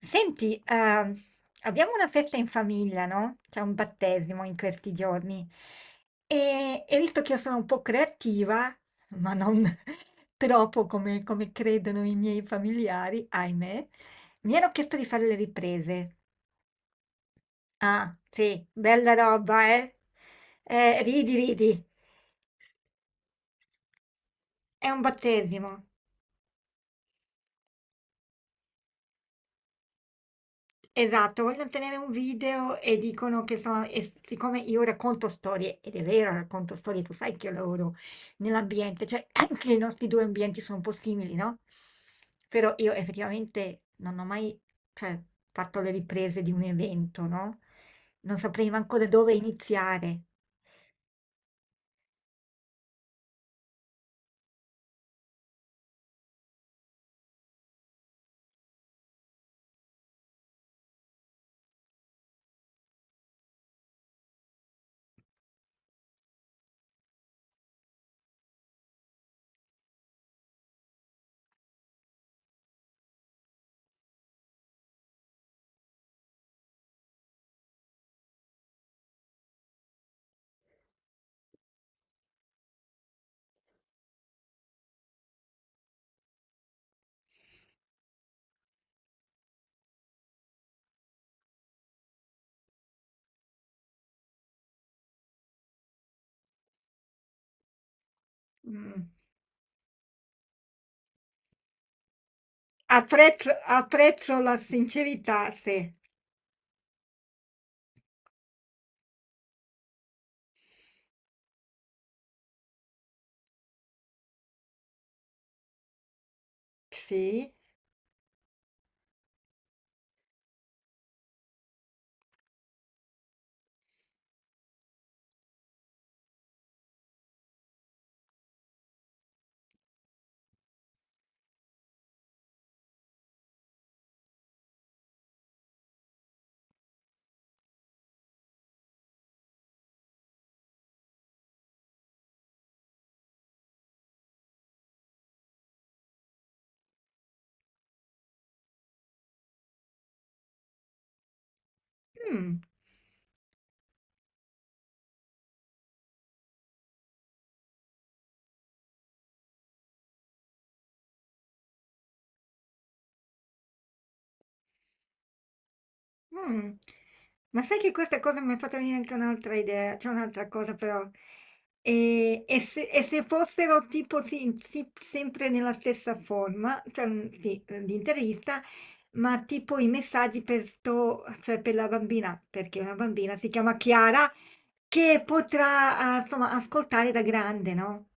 Senti, abbiamo una festa in famiglia, no? C'è un battesimo in questi giorni. E visto che io sono un po' creativa, ma non troppo come credono i miei familiari, ahimè, mi hanno chiesto di fare le riprese. Ah, sì, bella roba, eh? Ridi, ridi. È un battesimo. Esatto, vogliono tenere un video e dicono che sono, siccome io racconto storie, ed è vero, racconto storie, tu sai che io lavoro nell'ambiente, cioè anche i nostri due ambienti sono un po' simili, no? Però io effettivamente non ho mai, cioè, fatto le riprese di un evento, no? Non saprei manco da dove iniziare. Mm. Apprezzo, apprezzo la sincerità, sì. Sì. Mm. Mm. Ma sai che questa cosa mi ha fatto venire anche un'altra idea, c'è un'altra cosa però. E se fossero tipo sì, sì, sempre nella stessa forma, cioè sì, di intervista, ma tipo i messaggi per, sto, cioè per la bambina, perché una bambina si chiama Chiara, che potrà insomma, ascoltare da grande, no?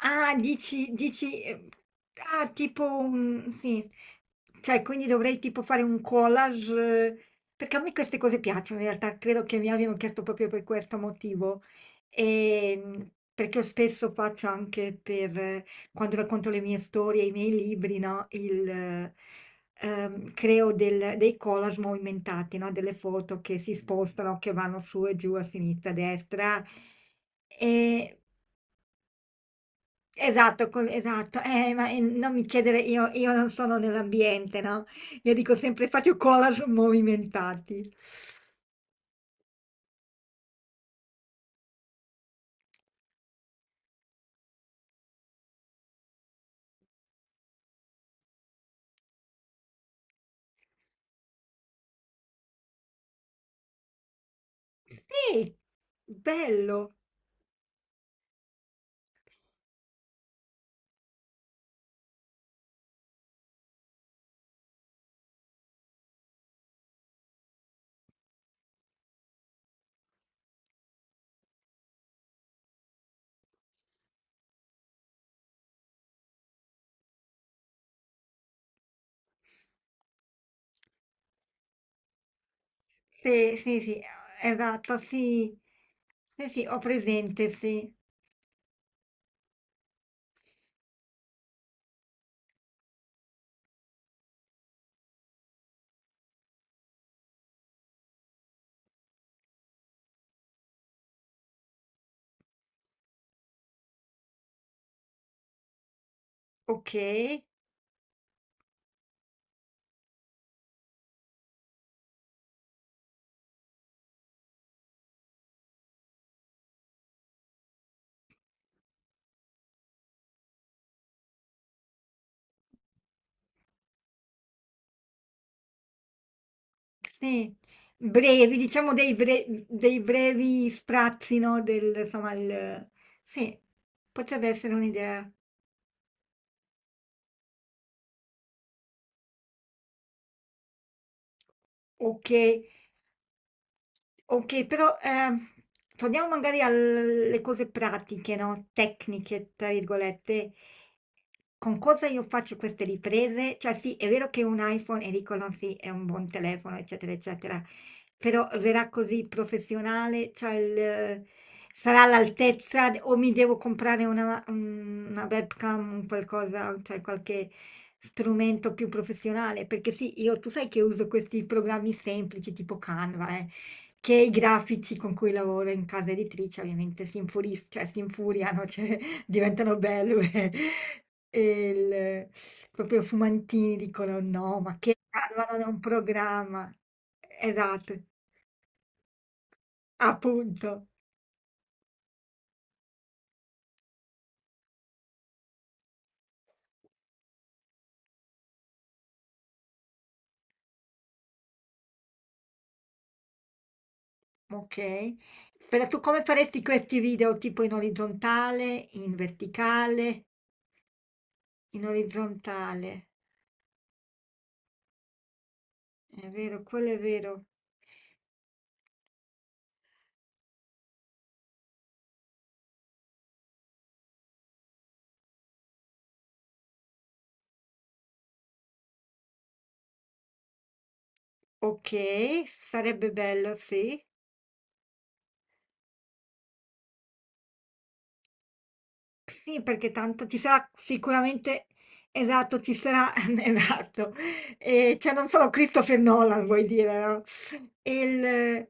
Ah, dici, dici, ah, tipo, sì, cioè, quindi dovrei tipo fare un collage, eh, perché a me queste cose piacciono, in realtà, credo che mi abbiano chiesto proprio per questo motivo, e, perché io spesso faccio anche per, quando racconto le mie storie, i miei libri, no, creo dei collage movimentati, no, delle foto che si spostano, che vanno su e giù, a sinistra, a destra, e... Esatto, esatto, ma non mi chiedere, io non sono nell'ambiente, no? Io dico sempre faccio collage movimentati. Sì, bello, sì, sì, sì, esatto, sì, sì, sì, ho presente, sì, ok, sì, brevi, diciamo dei brevi sprazzi, no? Del, insomma, il, sì, potrebbe essere un'idea, ok. Ok, però torniamo magari alle cose pratiche, no? Tecniche, tra virgolette. Con cosa io faccio queste riprese? Cioè sì, è vero che un iPhone, e dicono sì, è un buon telefono, eccetera, eccetera, però verrà così professionale, cioè sarà all'altezza o mi devo comprare una webcam, un qualcosa, cioè qualche strumento più professionale, perché sì, io tu sai che uso questi programmi semplici tipo Canva, eh. Che i grafici con cui lavoro in casa editrice ovviamente si infuris cioè si infuriano, cioè diventano belve e il proprio Fumantini dicono: "No, ma che calvano da un programma". Esatto, appunto. Okay. Però tu come faresti questi video, tipo in orizzontale, in verticale? In orizzontale. È vero, quello è vero. Okay, sarebbe bello, sì. Sì, perché tanto ci sarà sicuramente, esatto, ci sarà, esatto, e, cioè non solo Christopher Nolan vuoi dire, no? E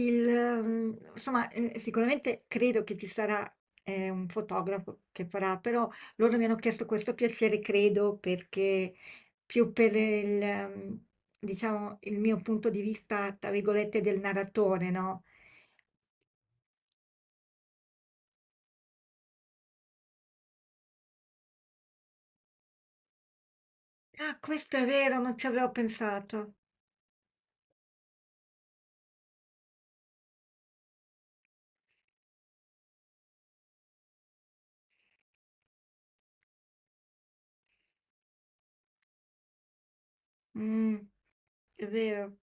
il, insomma, sicuramente credo che ci sarà un fotografo che farà, però loro mi hanno chiesto questo piacere, credo, perché più per mm, diciamo, il mio punto di vista, tra virgolette, del narratore, no? Ah, questo è vero, non ci avevo pensato. Mh, è vero,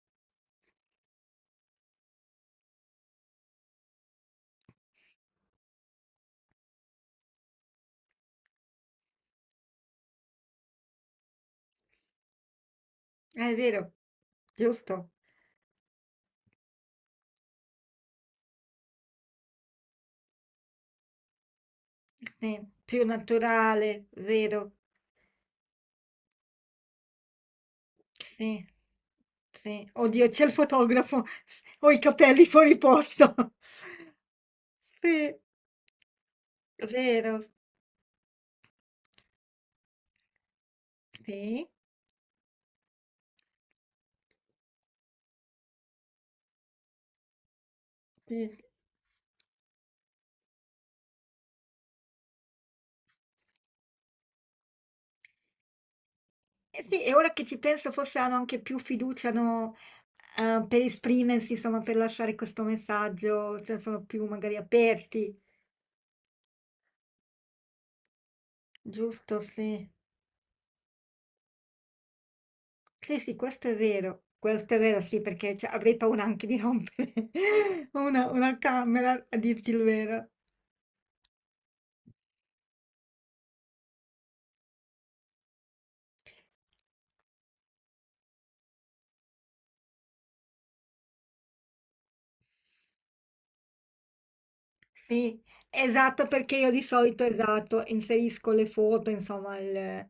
è vero, giusto. Sì, più naturale, vero. Sì, sì. Oddio, c'è il fotografo, s ho i capelli fuori posto. Sì, vero. Sì, sì, sì. Eh sì, e ora che ci penso forse hanno anche più fiducia, no, per esprimersi, insomma, per lasciare questo messaggio, cioè sono più magari aperti, giusto? Sì. Sì, sì, questo è vero. Questo è vero, sì, perché cioè, avrei paura anche di rompere una camera, a dirti il vero. Sì, esatto, perché io di solito, esatto, inserisco le foto, insomma,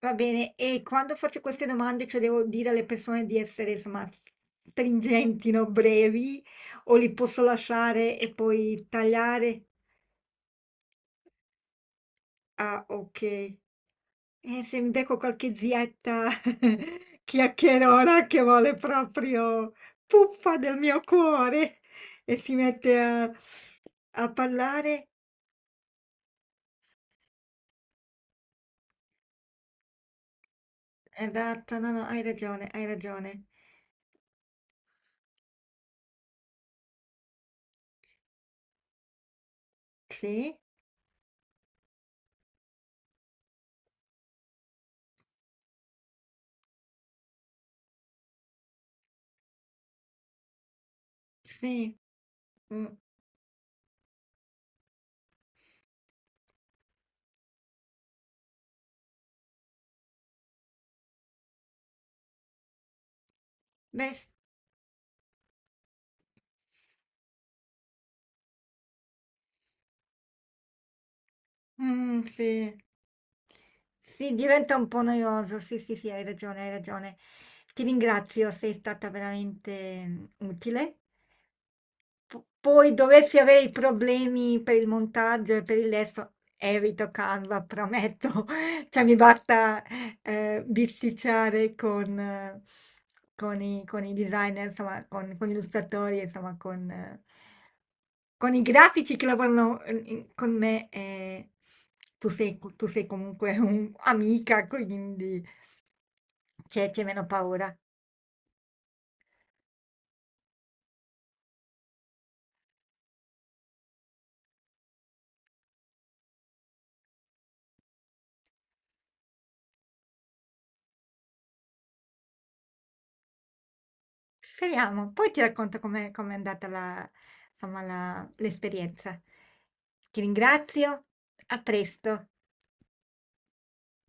Va bene. E quando faccio queste domande, cioè devo dire alle persone di essere, insomma, stringenti, no? Brevi, o li posso lasciare e poi tagliare? Ah, ok. Se mi becco qualche zietta chiacchierona che vuole proprio puppa del mio cuore e si mette a parlare, esatto, no, no, hai ragione, hai ragione. Sì, sì, mm, beh, sì, sì, diventa un po' noioso, sì, sì, sì, hai ragione, hai ragione. Ti ringrazio, sei stata veramente utile. Poi dovessi avere i problemi per il montaggio e per il lesso, evito Canva, prometto. Cioè, mi basta bisticciare con, con i designer, insomma, con gli illustratori, insomma, con i grafici che lavorano con me. Tu sei comunque un'amica, quindi c'è meno paura. Speriamo. Poi ti racconto com'è andata la, insomma, l'esperienza. Ti ringrazio, a presto.